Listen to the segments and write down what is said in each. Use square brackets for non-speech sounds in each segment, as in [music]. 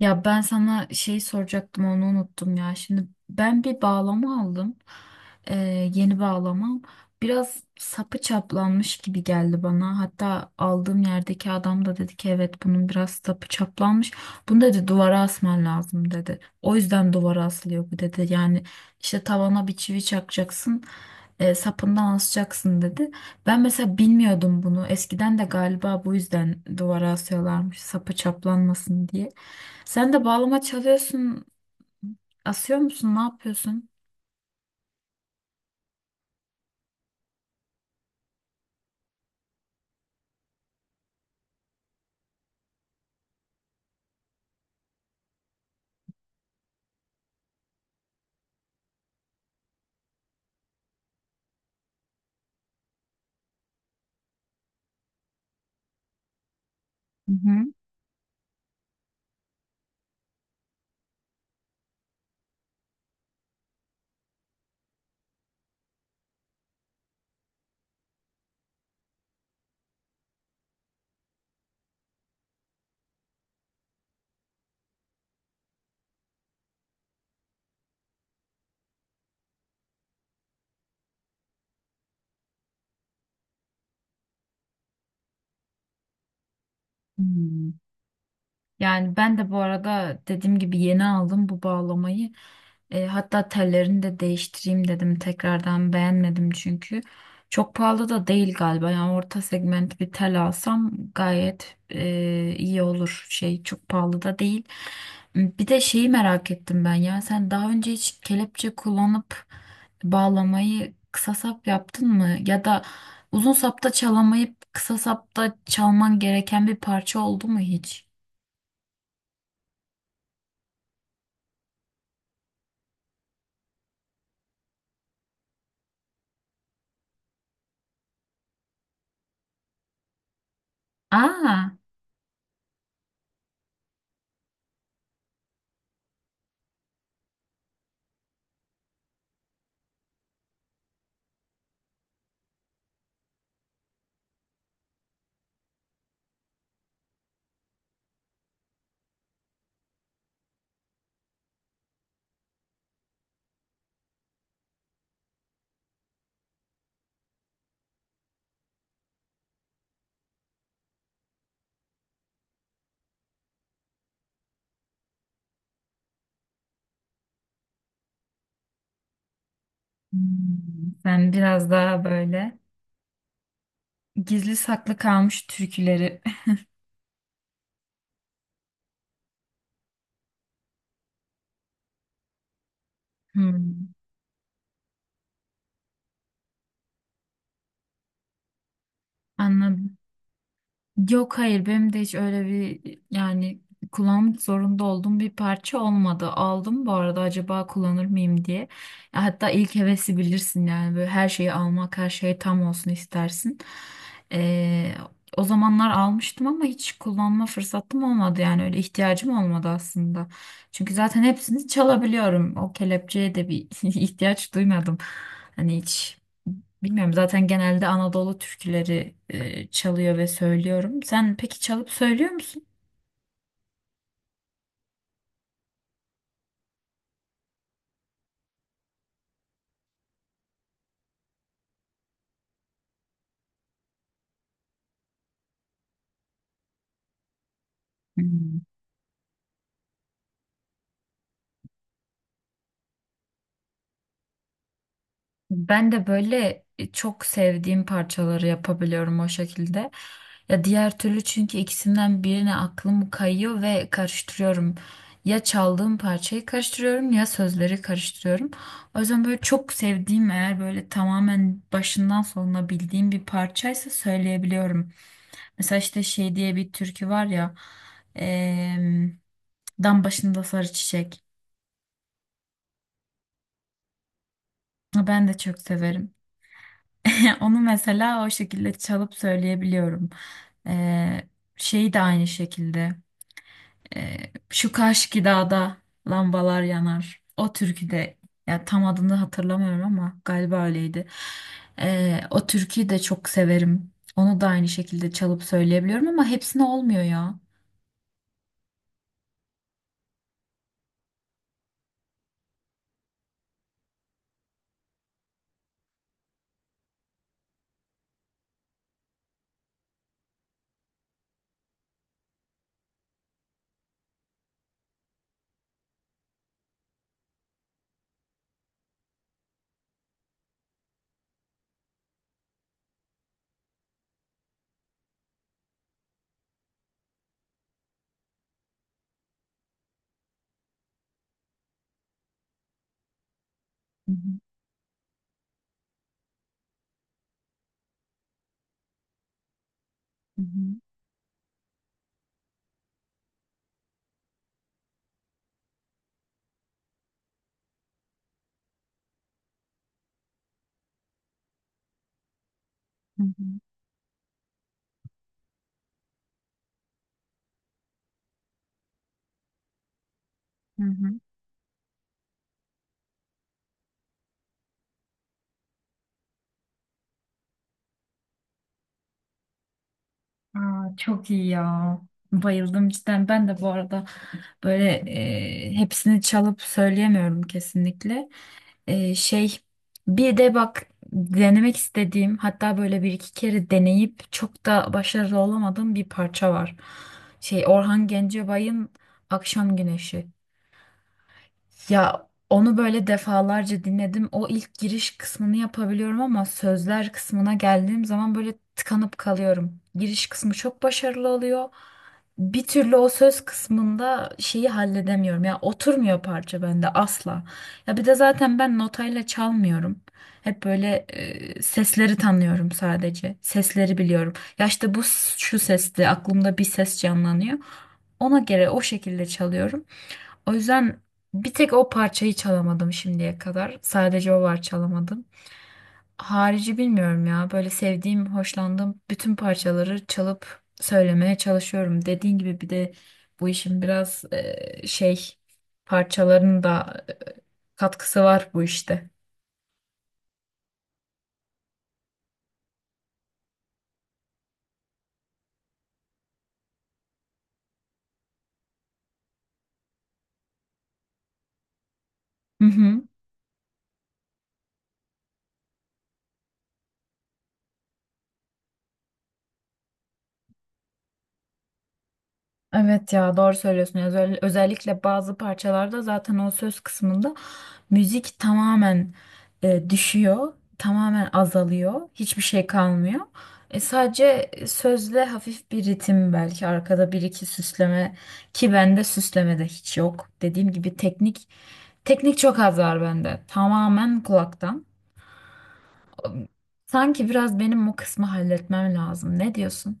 Ya ben sana şey soracaktım onu unuttum ya. Şimdi ben bir bağlama aldım. Ee, yeni bağlamam. Biraz sapı çaplanmış gibi geldi bana. Hatta aldığım yerdeki adam da dedi ki evet bunun biraz sapı çaplanmış. Bunu dedi duvara asman lazım dedi. O yüzden duvara asılıyor bu dedi. Yani işte tavana bir çivi çakacaksın. Sapından asacaksın dedi. Ben mesela bilmiyordum bunu. Eskiden de galiba bu yüzden duvara asıyorlarmış sapı çaplanmasın diye. Sen de bağlama çalıyorsun. Asıyor musun? Ne yapıyorsun? Hı hı. Hmm. Yani ben de bu arada dediğim gibi yeni aldım bu bağlamayı. Hatta tellerini de değiştireyim dedim tekrardan beğenmedim çünkü. Çok pahalı da değil galiba yani orta segment bir tel alsam gayet iyi olur şey çok pahalı da değil. Bir de şeyi merak ettim ben ya sen daha önce hiç kelepçe kullanıp bağlamayı kısa sap yaptın mı? Ya da uzun sapta çalamayıp kısa sapta çalman gereken bir parça oldu mu hiç? Aa, hmm, sen biraz daha böyle gizli saklı kalmış türküleri. [laughs] Hmm, anladım. Yok hayır benim de hiç öyle bir yani kullanmak zorunda olduğum bir parça olmadı. Aldım bu arada acaba kullanır mıyım diye. Ya hatta ilk hevesi bilirsin yani böyle her şeyi almak her şey tam olsun istersin. Ee, O zamanlar almıştım ama hiç kullanma fırsatım olmadı yani öyle ihtiyacım olmadı aslında. Çünkü zaten hepsini çalabiliyorum o kelepçeye de bir [laughs] ihtiyaç duymadım. Hani hiç. Bilmiyorum zaten genelde Anadolu türküleri çalıyor ve söylüyorum. Sen peki çalıp söylüyor musun? Hmm. Ben de böyle çok sevdiğim parçaları yapabiliyorum o şekilde. Ya diğer türlü çünkü ikisinden birine aklım kayıyor ve karıştırıyorum. Ya çaldığım parçayı karıştırıyorum ya sözleri karıştırıyorum. O yüzden böyle çok sevdiğim eğer böyle tamamen başından sonuna bildiğim bir parçaysa söyleyebiliyorum. Mesela işte şey diye bir türkü var ya, eee, dam başında sarı çiçek. Ben de çok severim. [laughs] Onu mesela o şekilde çalıp söyleyebiliyorum. Ee, Şey de aynı şekilde. Şu Kaşki Dağ'da lambalar yanar. O türküde ya tam adını hatırlamıyorum ama galiba öyleydi. O türküyü de çok severim. Onu da aynı şekilde çalıp söyleyebiliyorum ama hepsine olmuyor ya. Hı hı, hı hı, hı hı, hı hı. Aa, çok iyi ya. Bayıldım cidden. Ben de bu arada böyle hepsini çalıp söyleyemiyorum kesinlikle. Şey, bir de bak, denemek istediğim hatta böyle bir iki kere deneyip çok da başarılı olamadığım bir parça var. Şey Orhan Gencebay'ın Akşam Güneşi. Ya onu böyle defalarca dinledim. O ilk giriş kısmını yapabiliyorum ama sözler kısmına geldiğim zaman böyle tıkanıp kalıyorum. Giriş kısmı çok başarılı oluyor. Bir türlü o söz kısmında şeyi halledemiyorum. Ya oturmuyor parça bende asla. Ya bir de zaten ben notayla çalmıyorum. Hep böyle sesleri tanıyorum sadece. Sesleri biliyorum. Ya işte bu şu sesti aklımda bir ses canlanıyor. Ona göre o şekilde çalıyorum. O yüzden bir tek o parçayı çalamadım şimdiye kadar. Sadece o var çalamadım. Harici bilmiyorum ya. Böyle sevdiğim, hoşlandığım bütün parçaları çalıp söylemeye çalışıyorum. Dediğin gibi bir de bu işin biraz şey parçaların da katkısı var bu işte. Hı hı. Evet ya doğru söylüyorsun. Özellikle bazı parçalarda zaten o söz kısmında müzik tamamen düşüyor, tamamen azalıyor, hiçbir şey kalmıyor. Sadece sözle hafif bir ritim belki arkada bir iki süsleme ki bende süsleme de hiç yok. Dediğim gibi teknik çok az var bende. Tamamen kulaktan. Sanki biraz benim o kısmı halletmem lazım. Ne diyorsun?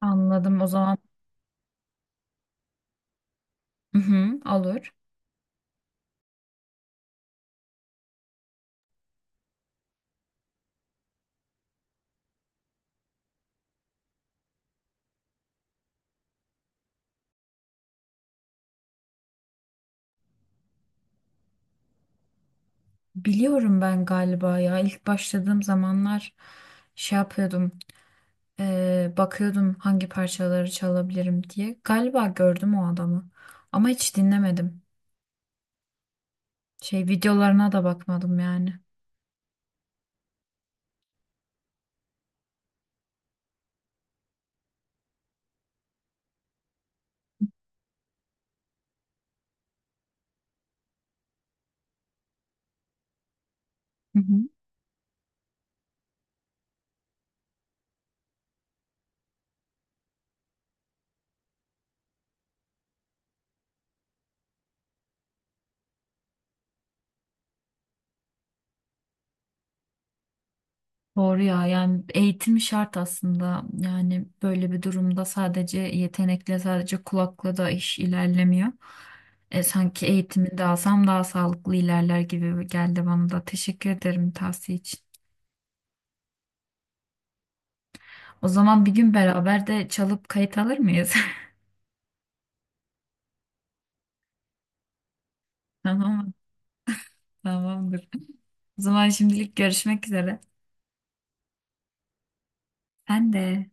Anladım o zaman. Hı hı, olur. Biliyorum ben galiba ya ilk başladığım zamanlar şey yapıyordum, bakıyordum hangi parçaları çalabilirim diye galiba gördüm o adamı ama hiç dinlemedim, şey videolarına da bakmadım yani. Hı hı. Doğru ya yani eğitim şart aslında yani böyle bir durumda sadece yetenekle sadece kulakla da iş ilerlemiyor. Sanki eğitimini de alsam daha sağlıklı ilerler gibi geldi bana da teşekkür ederim tavsiye için. O zaman bir gün beraber de çalıp kayıt alır mıyız? [laughs] Tamam, tamamdır. O zaman şimdilik görüşmek üzere. Ben de.